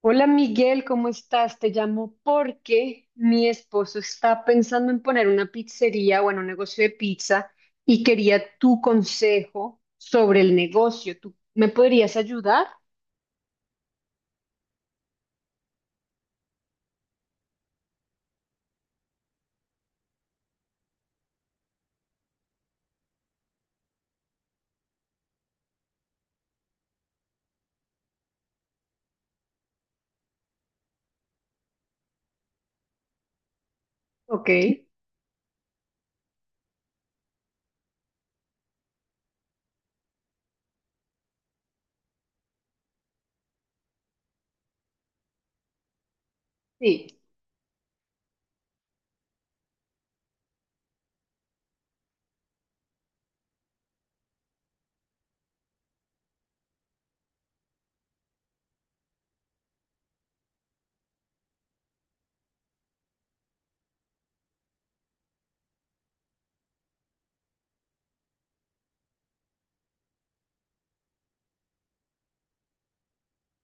Hola Miguel, ¿cómo estás? Te llamo porque mi esposo está pensando en poner una pizzería, bueno, un negocio de pizza y quería tu consejo sobre el negocio. ¿Tú me podrías ayudar? Ok, sí.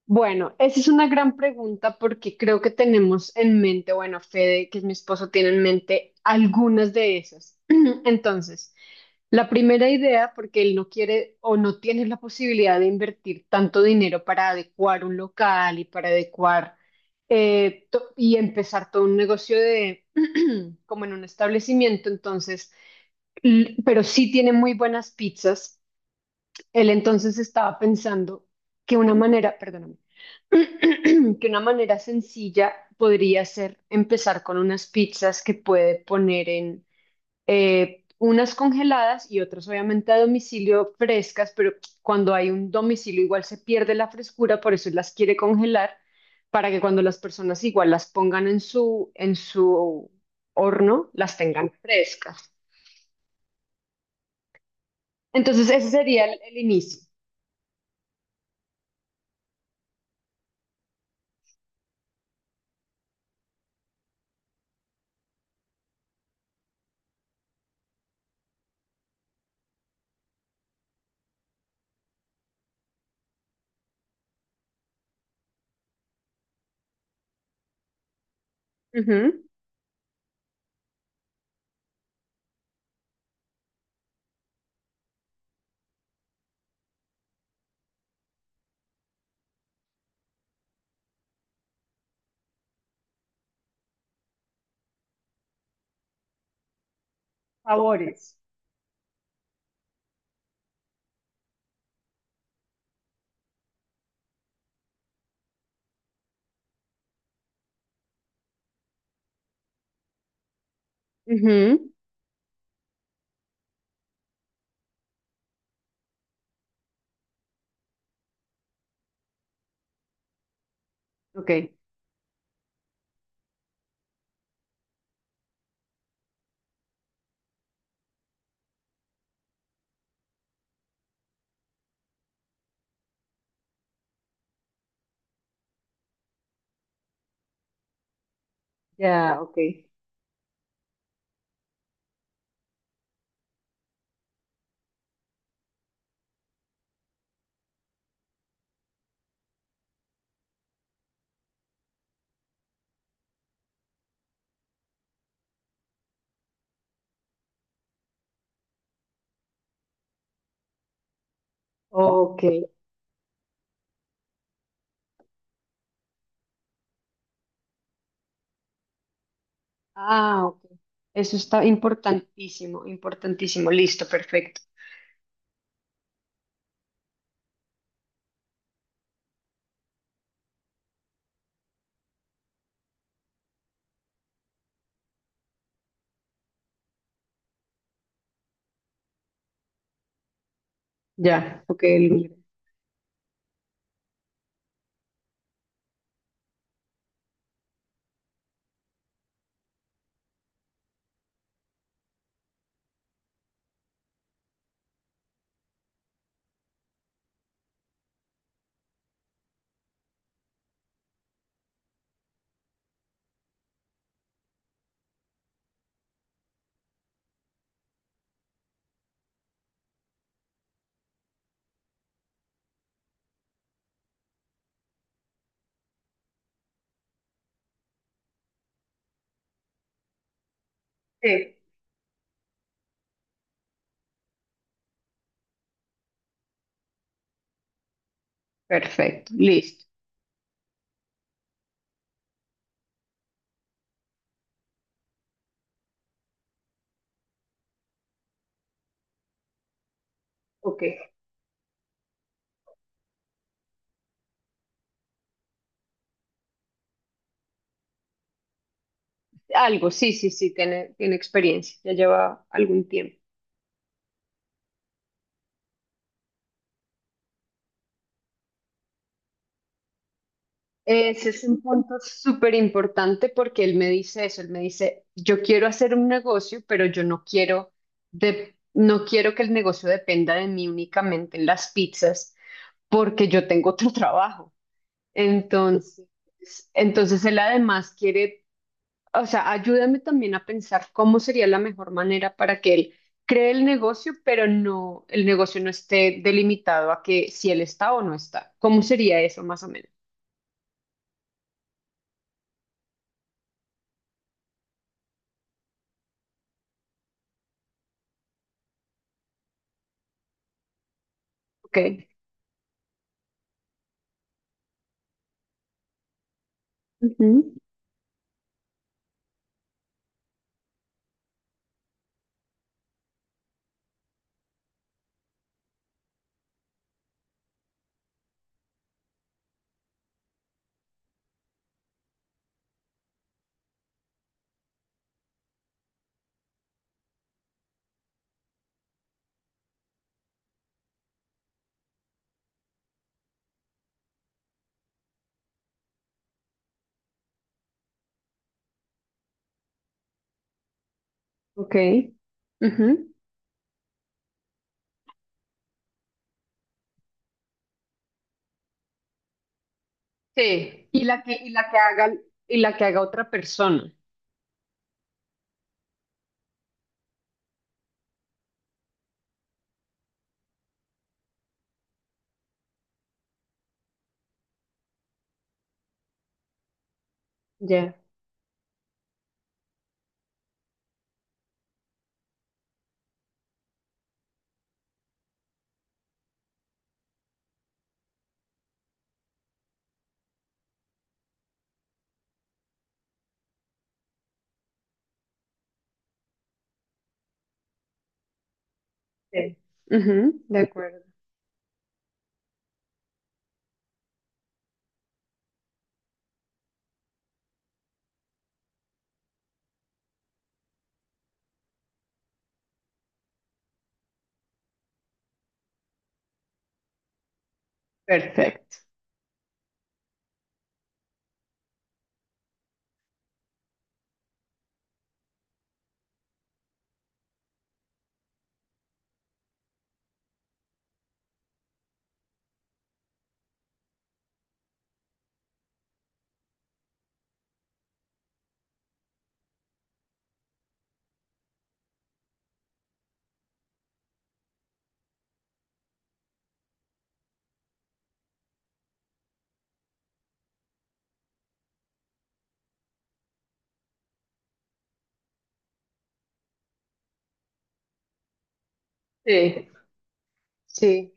Bueno, esa es una gran pregunta porque creo que tenemos en mente, bueno, Fede, que es mi esposo, tiene en mente algunas de esas. Entonces, la primera idea, porque él no quiere o no tiene la posibilidad de invertir tanto dinero para adecuar un local y para adecuar y empezar todo un negocio de como en un establecimiento, entonces, pero sí tiene muy buenas pizzas. Él entonces estaba pensando que una manera, perdóname, que una manera sencilla podría ser empezar con unas pizzas que puede poner en unas congeladas y otras obviamente a domicilio frescas, pero cuando hay un domicilio igual se pierde la frescura, por eso las quiere congelar para que cuando las personas igual las pongan en su horno, las tengan frescas. Entonces ese sería el inicio. Ujú. Sabores. Ujú. Ok, ya, ok, ok. Ah, ok. Eso está importantísimo, importantísimo. Listo, perfecto. Ya, ok. El- sí. Perfecto, listo. Ok. Algo, sí, sí, sí, tiene, tiene experiencia, ya lleva algún tiempo. Ese es un punto súper importante porque él me dice eso, él me dice, yo quiero hacer un negocio, pero yo no quiero, de, no quiero que el negocio dependa de mí únicamente en las pizzas porque yo tengo otro trabajo. Entonces, entonces, él además quiere, o sea, ayúdame también a pensar cómo sería la mejor manera para que él cree el negocio, pero no, el negocio no esté delimitado a que si él está o no está. ¿Cómo sería eso más o menos? Ok. Ujú. Ok. Ujú. Sí. Y la que, y la que haga otra persona. Ya. Sí. Ujú, de acuerdo. Perfecto. Sí. Sí.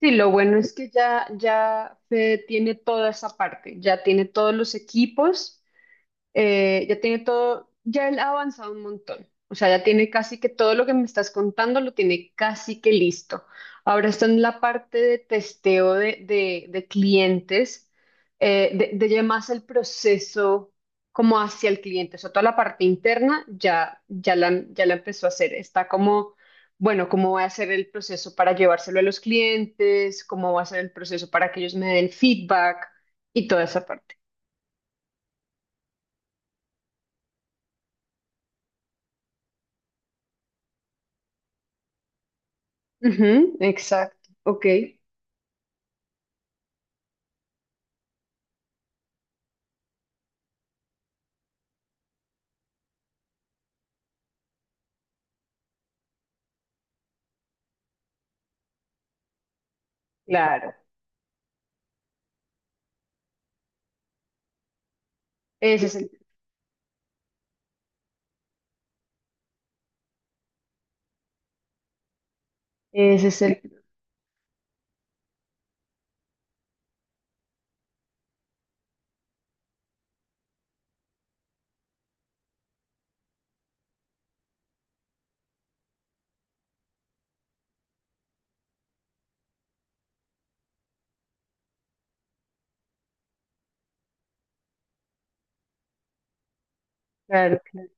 Sí, lo bueno es que ya, ya Fede tiene toda esa parte, ya tiene todos los equipos. Ya tiene todo, ya él ha avanzado un montón. O sea, ya tiene casi que todo lo que me estás contando lo tiene casi que listo. Ahora está en la parte de testeo de clientes, de ya más el proceso como hacia el cliente. O sea, toda la parte interna ya la empezó a hacer. Está como, bueno, cómo va a ser el proceso para llevárselo a los clientes, cómo va a ser el proceso para que ellos me den feedback y toda esa parte. Ujú, exacto. Ok. Claro, ese es el, ese es el, claro, claro,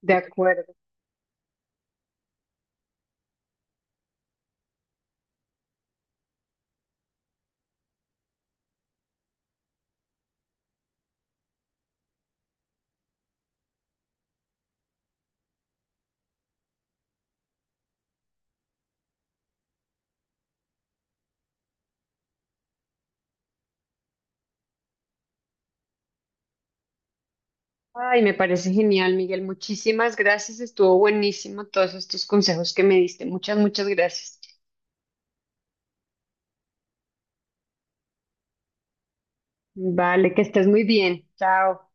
de acuerdo. Ay, me parece genial, Miguel. Muchísimas gracias. Estuvo buenísimo todos estos consejos que me diste. Muchas, muchas gracias. Vale, que estés muy bien. Chao.